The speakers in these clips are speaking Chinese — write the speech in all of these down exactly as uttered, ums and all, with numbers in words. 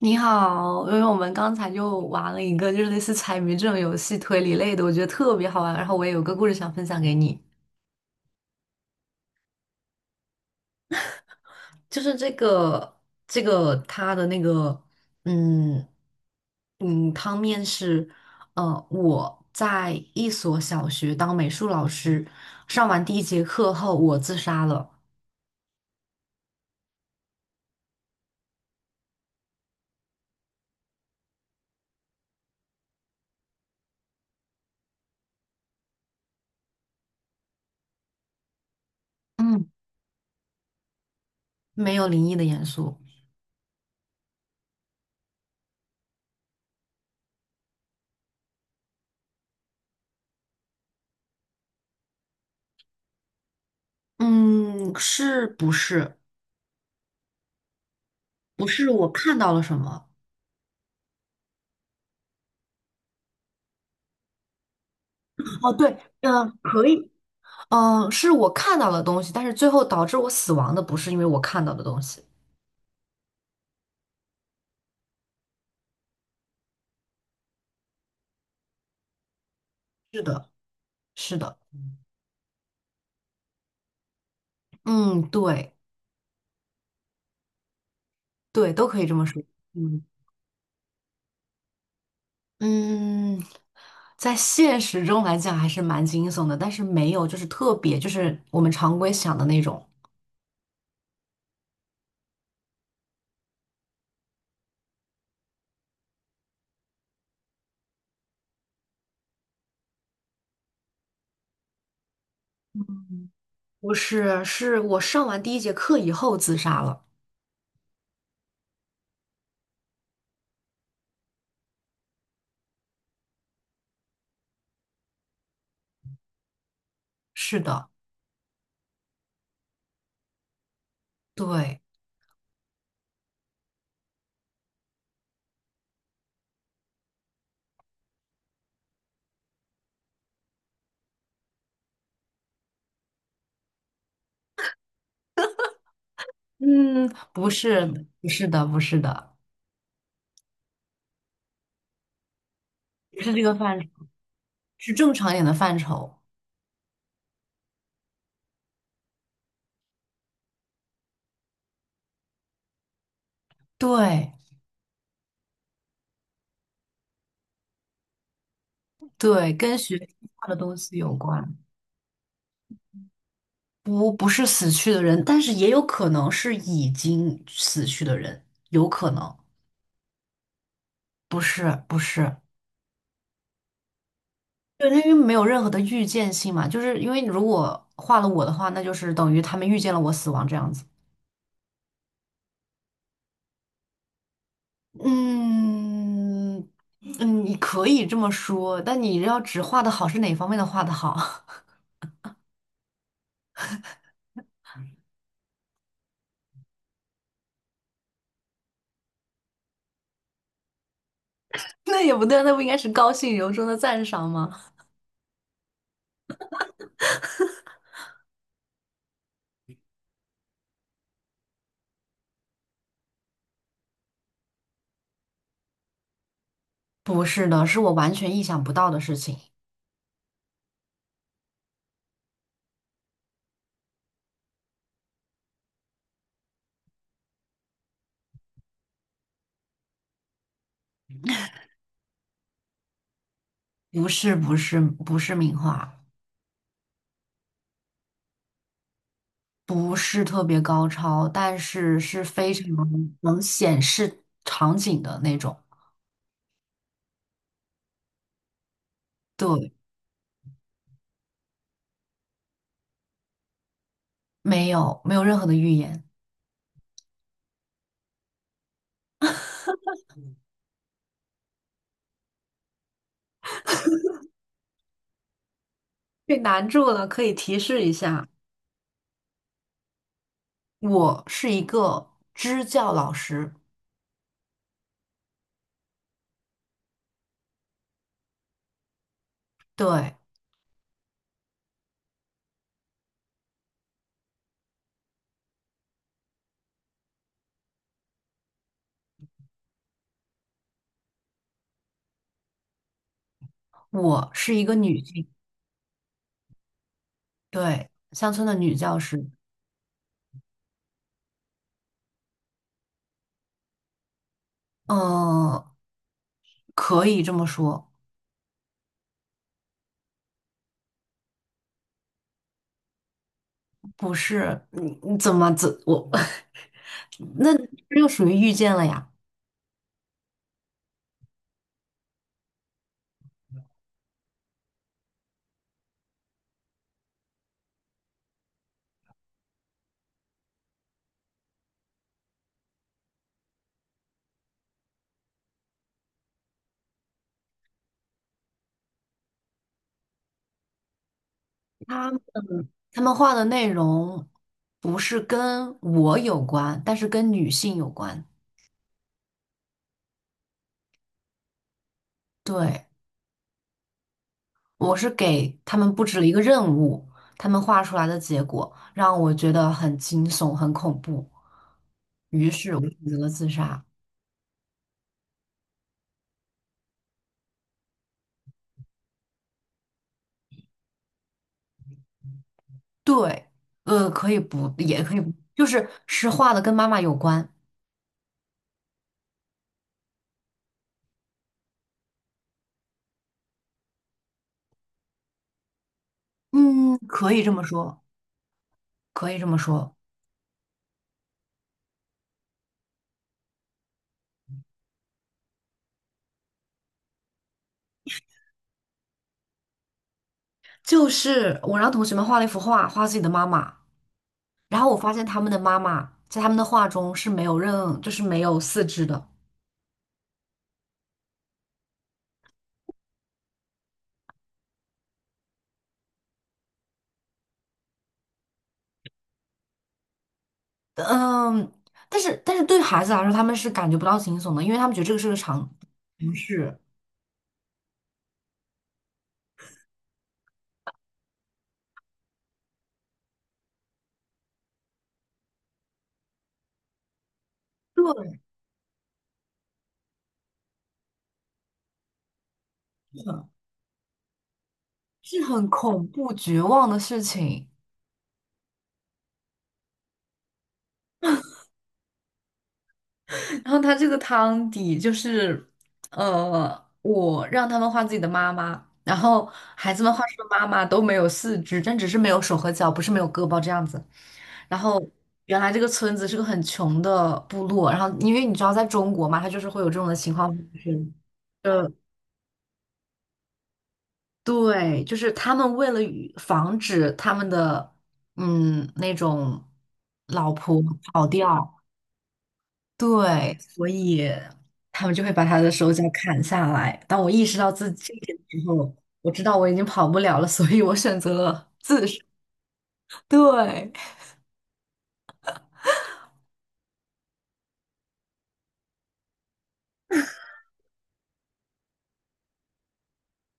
你好，因为我们刚才就玩了一个就是类似猜谜这种游戏推理类的，我觉得特别好玩。然后我也有个故事想分享给你，就是这个这个它的那个嗯嗯汤面是呃我在一所小学当美术老师，上完第一节课后我自杀了。嗯，没有灵异的元素。嗯，是不是？不是我看到了什么？哦，对，嗯，可以。嗯，呃是我看到的东西，但是最后导致我死亡的不是因为我看到的东西。是的。嗯，对，对，都可以这么说。嗯，嗯，在现实中来讲还是蛮惊悚的，但是没有就是特别就是我们常规想的那种。不是，是我上完第一节课以后自杀了。是的。对，嗯，不是，不是的，不是的，不是这个范畴，是正常一点的范畴。对对，跟学习上的东西有关。不，不是死去的人，但是也有可能是已经死去的人，有可能不是，不是，对，那因为没有任何的预见性嘛，就是因为如果画了我的话，那就是等于他们预见了我死亡这样子。嗯嗯，你可以这么说，但你要只画的好是哪方面的画的好？那也不对，那不应该是高兴由衷的赞赏吗？不是的，是我完全意想不到的事情，不是不是不是名画。不是特别高超，但是是非常能显示场景的那种。对，没有没有任何的预言。被难住了，可以提示一下。我是一个支教老师，对，我是一个女性，对，乡村的女教师。嗯，可以这么说。不是，你你怎么怎我 那这就属于遇见了呀？他。他们画的内容不是跟我有关，但是跟女性有关。对，我是给他们布置了一个任务，他们画出来的结果让我觉得很惊悚、很恐怖，于是我选择了自杀。对，呃，可以不，也可以不，就是是画的跟妈妈有关。嗯，可以这么说，可以这么说，就是我让同学们画了一幅画，画自己的妈妈。然后我发现他们的妈妈在他们的画中是没有任，就是没有四肢的。嗯，但是但是对孩子来说，他们是感觉不到惊悚的，因为他们觉得这个是个常不是，对，是很恐怖绝望的事情。然后他这个汤底就是，呃，我让他们画自己的妈妈，然后孩子们画出的妈妈都没有四肢，但只是没有手和脚，不是没有胳膊这样子。然后原来这个村子是个很穷的部落，然后因为你知道在中国嘛，它就是会有这种的情况发生。呃，对，就是他们为了与防止他们的嗯那种老婆跑掉，对，所以他们就会把他的手脚砍下来。当我意识到自己这一点之后，我知道我已经跑不了了，所以我选择了自杀。对。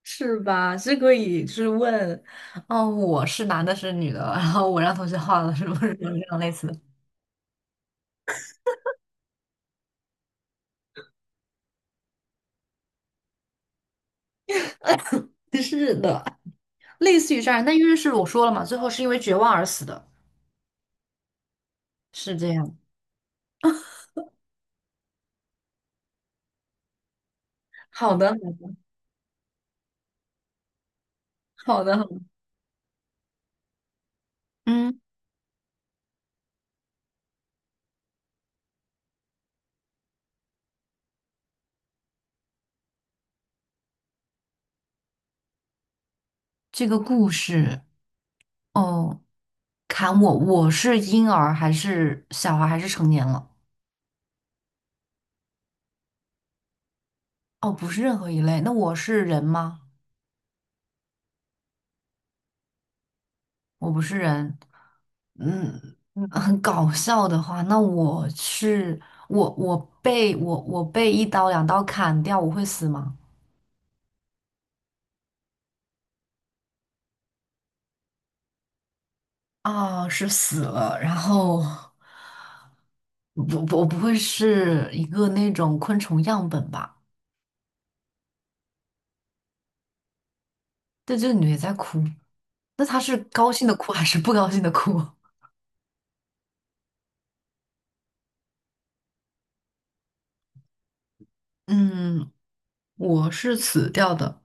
是吧？是可以，就是问，哦，我是男的，是女的，然后我让同学画了，是不是这样类似的？是的，类似于这样，那因为是我说了嘛，最后是因为绝望而死的，是这样。好的，好的，好的。嗯，这个故事哦，砍我，我是婴儿还是小孩还是成年了？哦，不是任何一类。那我是人吗？我不是人。嗯，嗯很搞笑的话，那我是我我被我我被一刀两刀砍掉，我会死吗？啊，是死了，然后 不不我不会是一个那种昆虫样本吧？对，这个女的在哭，那她是高兴的哭还是不高兴的哭？嗯，我是死掉的。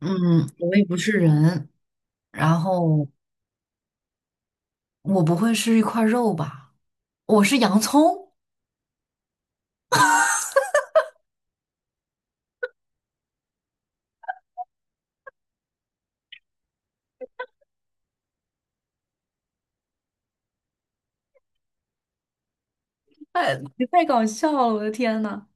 嗯，我也不是人，然后我不会是一块肉吧？我是洋葱。你太搞笑了，我的天呐！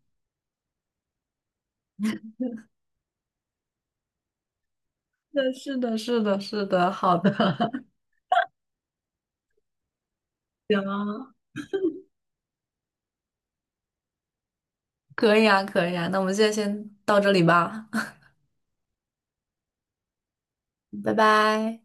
是的，是的，是的，是的，好的。行，可以啊，可以啊，那我们现在先到这里吧。拜拜。